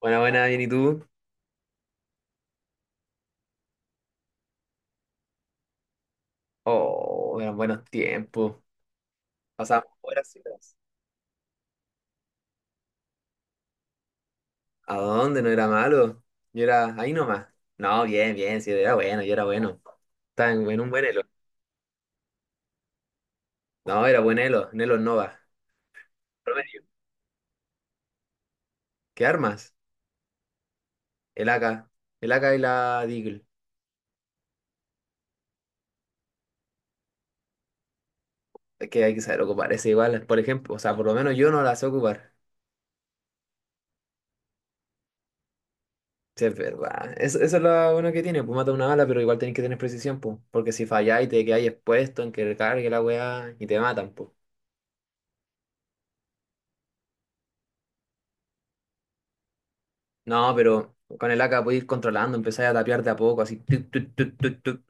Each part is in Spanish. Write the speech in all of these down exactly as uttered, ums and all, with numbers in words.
Buena, buena, bien, ¿y tú? Oh, eran buenos tiempos. Pasábamos horas y horas. ¿A dónde? No era malo. Yo era ahí nomás. No, bien, bien, sí, era bueno, yo era bueno. Estaba en, en un buen elo. No, era buen elo, un elo Nova. Promedio. ¿Qué armas? El A K. El A K y la Deagle. Es que hay que saber ocupar ese igual, por ejemplo. O sea, por lo menos yo no la sé ocupar. Sí, es verdad. Eso, eso es lo bueno que tiene. Pues mata una bala, pero igual tenés que tener precisión, pues. Porque si falláis, te quedáis expuesto en que recargue la weá y te matan, pues. No, pero con el A K puedes ir controlando, empezar a tapear de a poco, así. Tuc, tuc, tuc, tuc, tuc.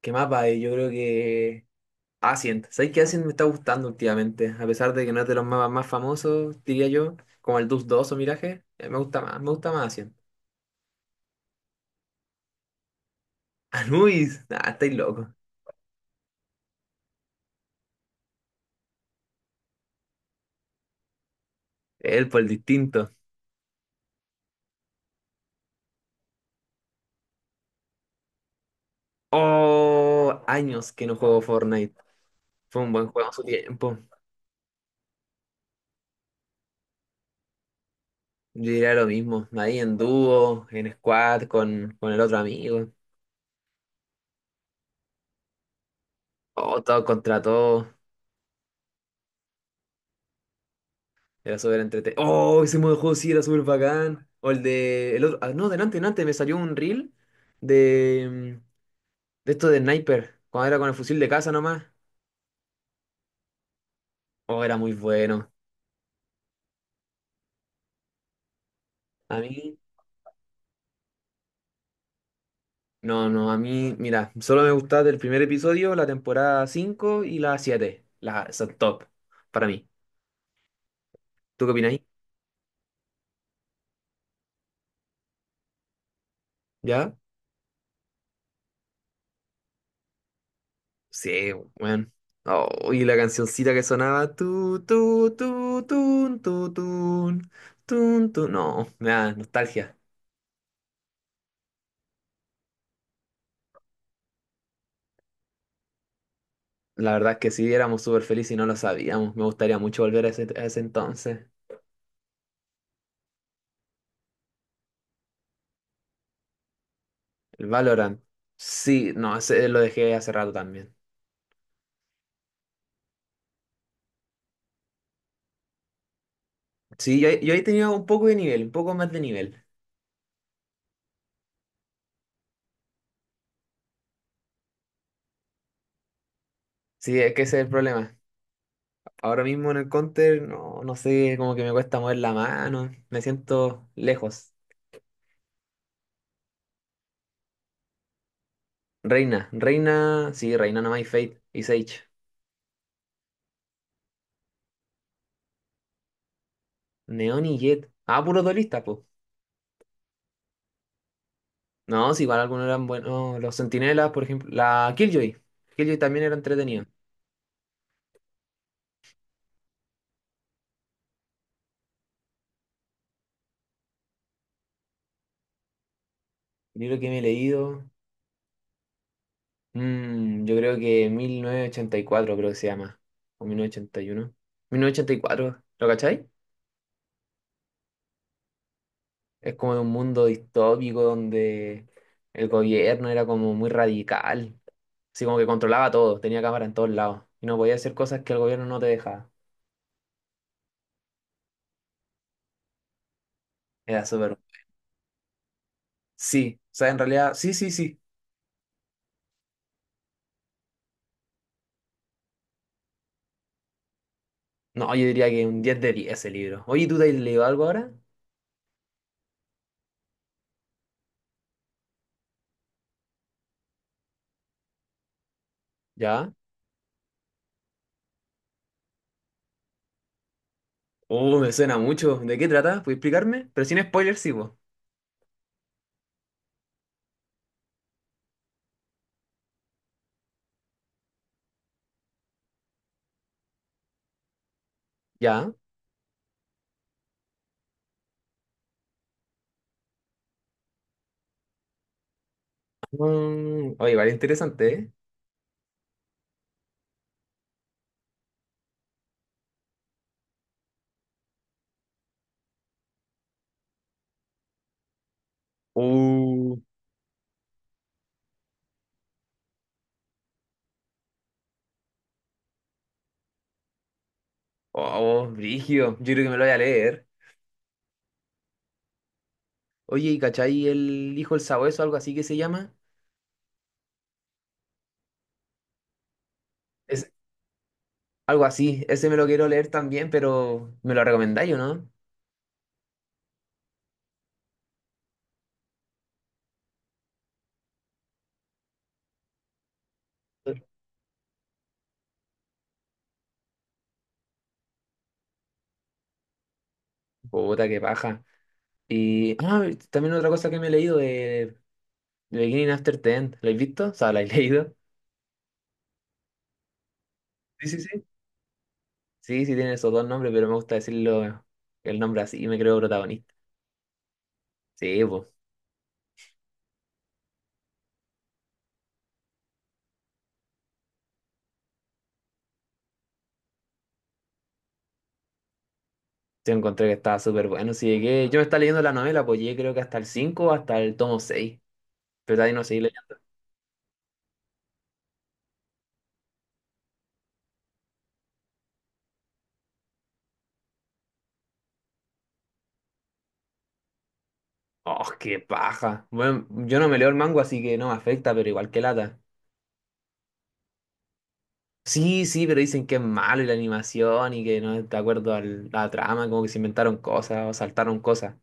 ¿Qué mapa hay? Yo creo que Ascent. ¿Sabes qué Ascent me está gustando últimamente? A pesar de que no es de los mapas más famosos, diría yo, como el Dus dos o Miraje, eh, me gusta más, me gusta más Ascent. Anubis, ah, estáis loco. Él por el distinto. Oh, años que no juego Fortnite. Fue un buen juego en su tiempo. Yo diría lo mismo, ahí en dúo, en squad, con, con el otro amigo. Oh, todo contra todo. Era súper entretenido. ¡Oh! Ese modo de juego sí era súper bacán. O el de. El otro. Ah, no, delante, delante, me salió un reel de. mm, De esto de sniper. Cuando era con el fusil de casa nomás. Oh, era muy bueno. A mí. No, no, a mí. Mira, solo me gustaba el primer episodio, la temporada cinco y la siete. Las son top. Para mí. ¿Tú qué opinas? ¿Ya? Sí, bueno. Oh, y la cancioncita que sonaba. Tu, tu, tu, tun, tu, tun. Tun, tun. No, me da nostalgia. La verdad que sí, éramos súper felices y no lo sabíamos. Me gustaría mucho volver a ese, a ese entonces. El Valorant. Sí, no, ese lo dejé hace rato también. Sí, yo, yo ahí tenía un poco de nivel, un poco más de nivel. Sí, es que ese es el problema. Ahora mismo en el counter, no, no sé, como que me cuesta mover la mano. Me siento lejos. Reina, Reina, sí, Reina no hay Fate y Sage. Neon y Jet. Ah, puros duelistas, po. No, si igual algunos eran buenos. Los Centinelas, por ejemplo. La Killjoy. Killjoy también era entretenido. Libro que me he leído, mm, yo creo que mil novecientos ochenta y cuatro creo que se llama, o mil novecientos ochenta y uno. mil novecientos ochenta y cuatro, ¿lo cachai? Es como de un mundo distópico donde el gobierno era como muy radical, así como que controlaba todo, tenía cámara en todos lados y no podía hacer cosas que el gobierno no te dejaba. Era súper. Sí, o sea, en realidad, sí, sí, sí. No, yo diría que un diez de diez ese libro. Oye, ¿tú te has leído algo ahora? ¿Ya? Oh, me suena mucho. ¿De qué trata? ¿Puedes explicarme? Pero sin spoilers, sí, vos. ¿Ya? Mm, oye, vale, interesante, ¿eh? Uh, oh, brígido. Yo creo que me lo voy a leer. Oye, ¿y cachai el hijo el sabueso, algo así que se llama? Es algo así. Ese me lo quiero leer también, pero ¿me lo recomendáis o no? Puta, qué paja. Y ah, también otra cosa que me he leído de The Beginning After the End. ¿Lo has visto? O sea, ¿la has leído? Sí, sí, sí. Sí, sí, tienen esos dos nombres, pero me gusta decirlo el nombre así y me creo protagonista. Sí, pues. Yo encontré que estaba súper bueno. Si llegué, yo me estaba leyendo la novela, pues llegué creo que hasta el cinco o hasta el tomo seis. Pero de ahí no seguí leyendo. ¡Oh, qué paja! Bueno, yo no me leo el mango, así que no me afecta, pero igual que lata. Sí, sí, pero dicen que es malo y la animación y que no es de acuerdo a la trama, como que se inventaron cosas o saltaron cosas.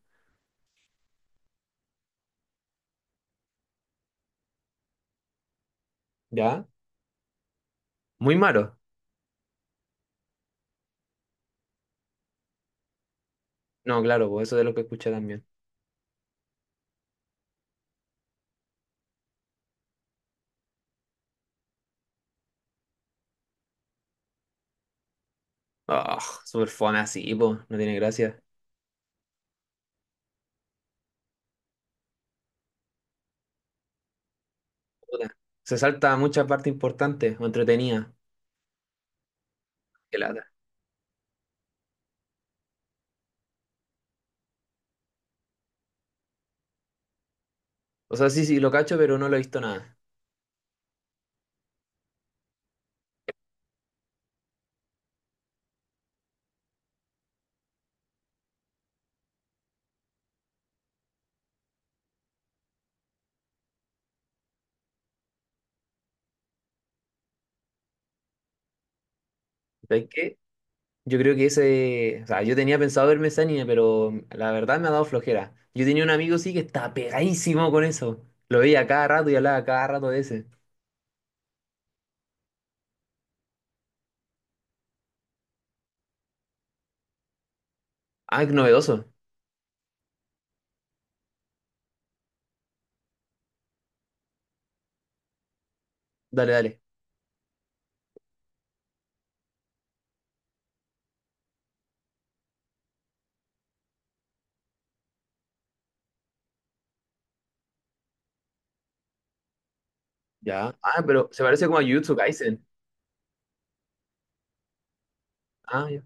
¿Ya? Muy malo. No, claro, pues eso es de lo que escuché también. ¡Oh, súper fome así, pues! No tiene gracia. Puta. Se salta mucha parte importante o entretenida. Qué lata. O sea, sí, sí, lo cacho, pero no lo he visto nada. ¿Sabes qué? Yo creo que ese, o sea, yo tenía pensado verme ese anime, pero la verdad me ha dado flojera. Yo tenía un amigo sí que estaba pegadísimo con eso. Lo veía cada rato y hablaba cada rato de ese. Ah, qué novedoso. Dale, dale. Ya. Ah, pero se parece como a Jujutsu Kaisen. Ah, ya.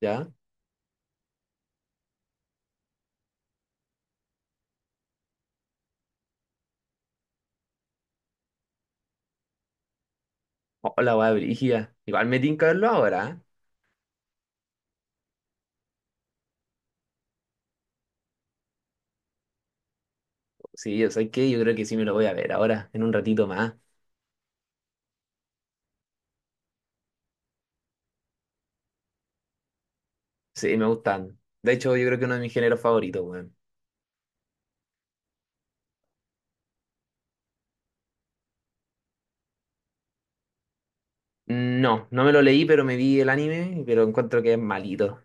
Ya. Hola, weá, brígida. Igual me tinca verlo ahora. ¿Eh? Sí, o sea, que yo creo que sí me lo voy a ver ahora, en un ratito más. Sí, me gustan. De hecho, yo creo que uno de mis géneros favoritos, weón. No, no me lo leí, pero me vi el anime, pero encuentro que es malito.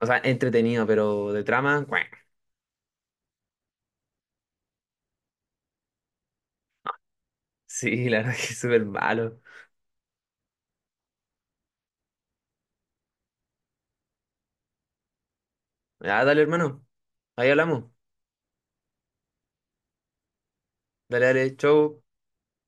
O sea, entretenido, pero de trama, ¡cuac! Sí, la verdad que es súper malo. Ah, dale, hermano. Ahí hablamos. Dale, dale, chau.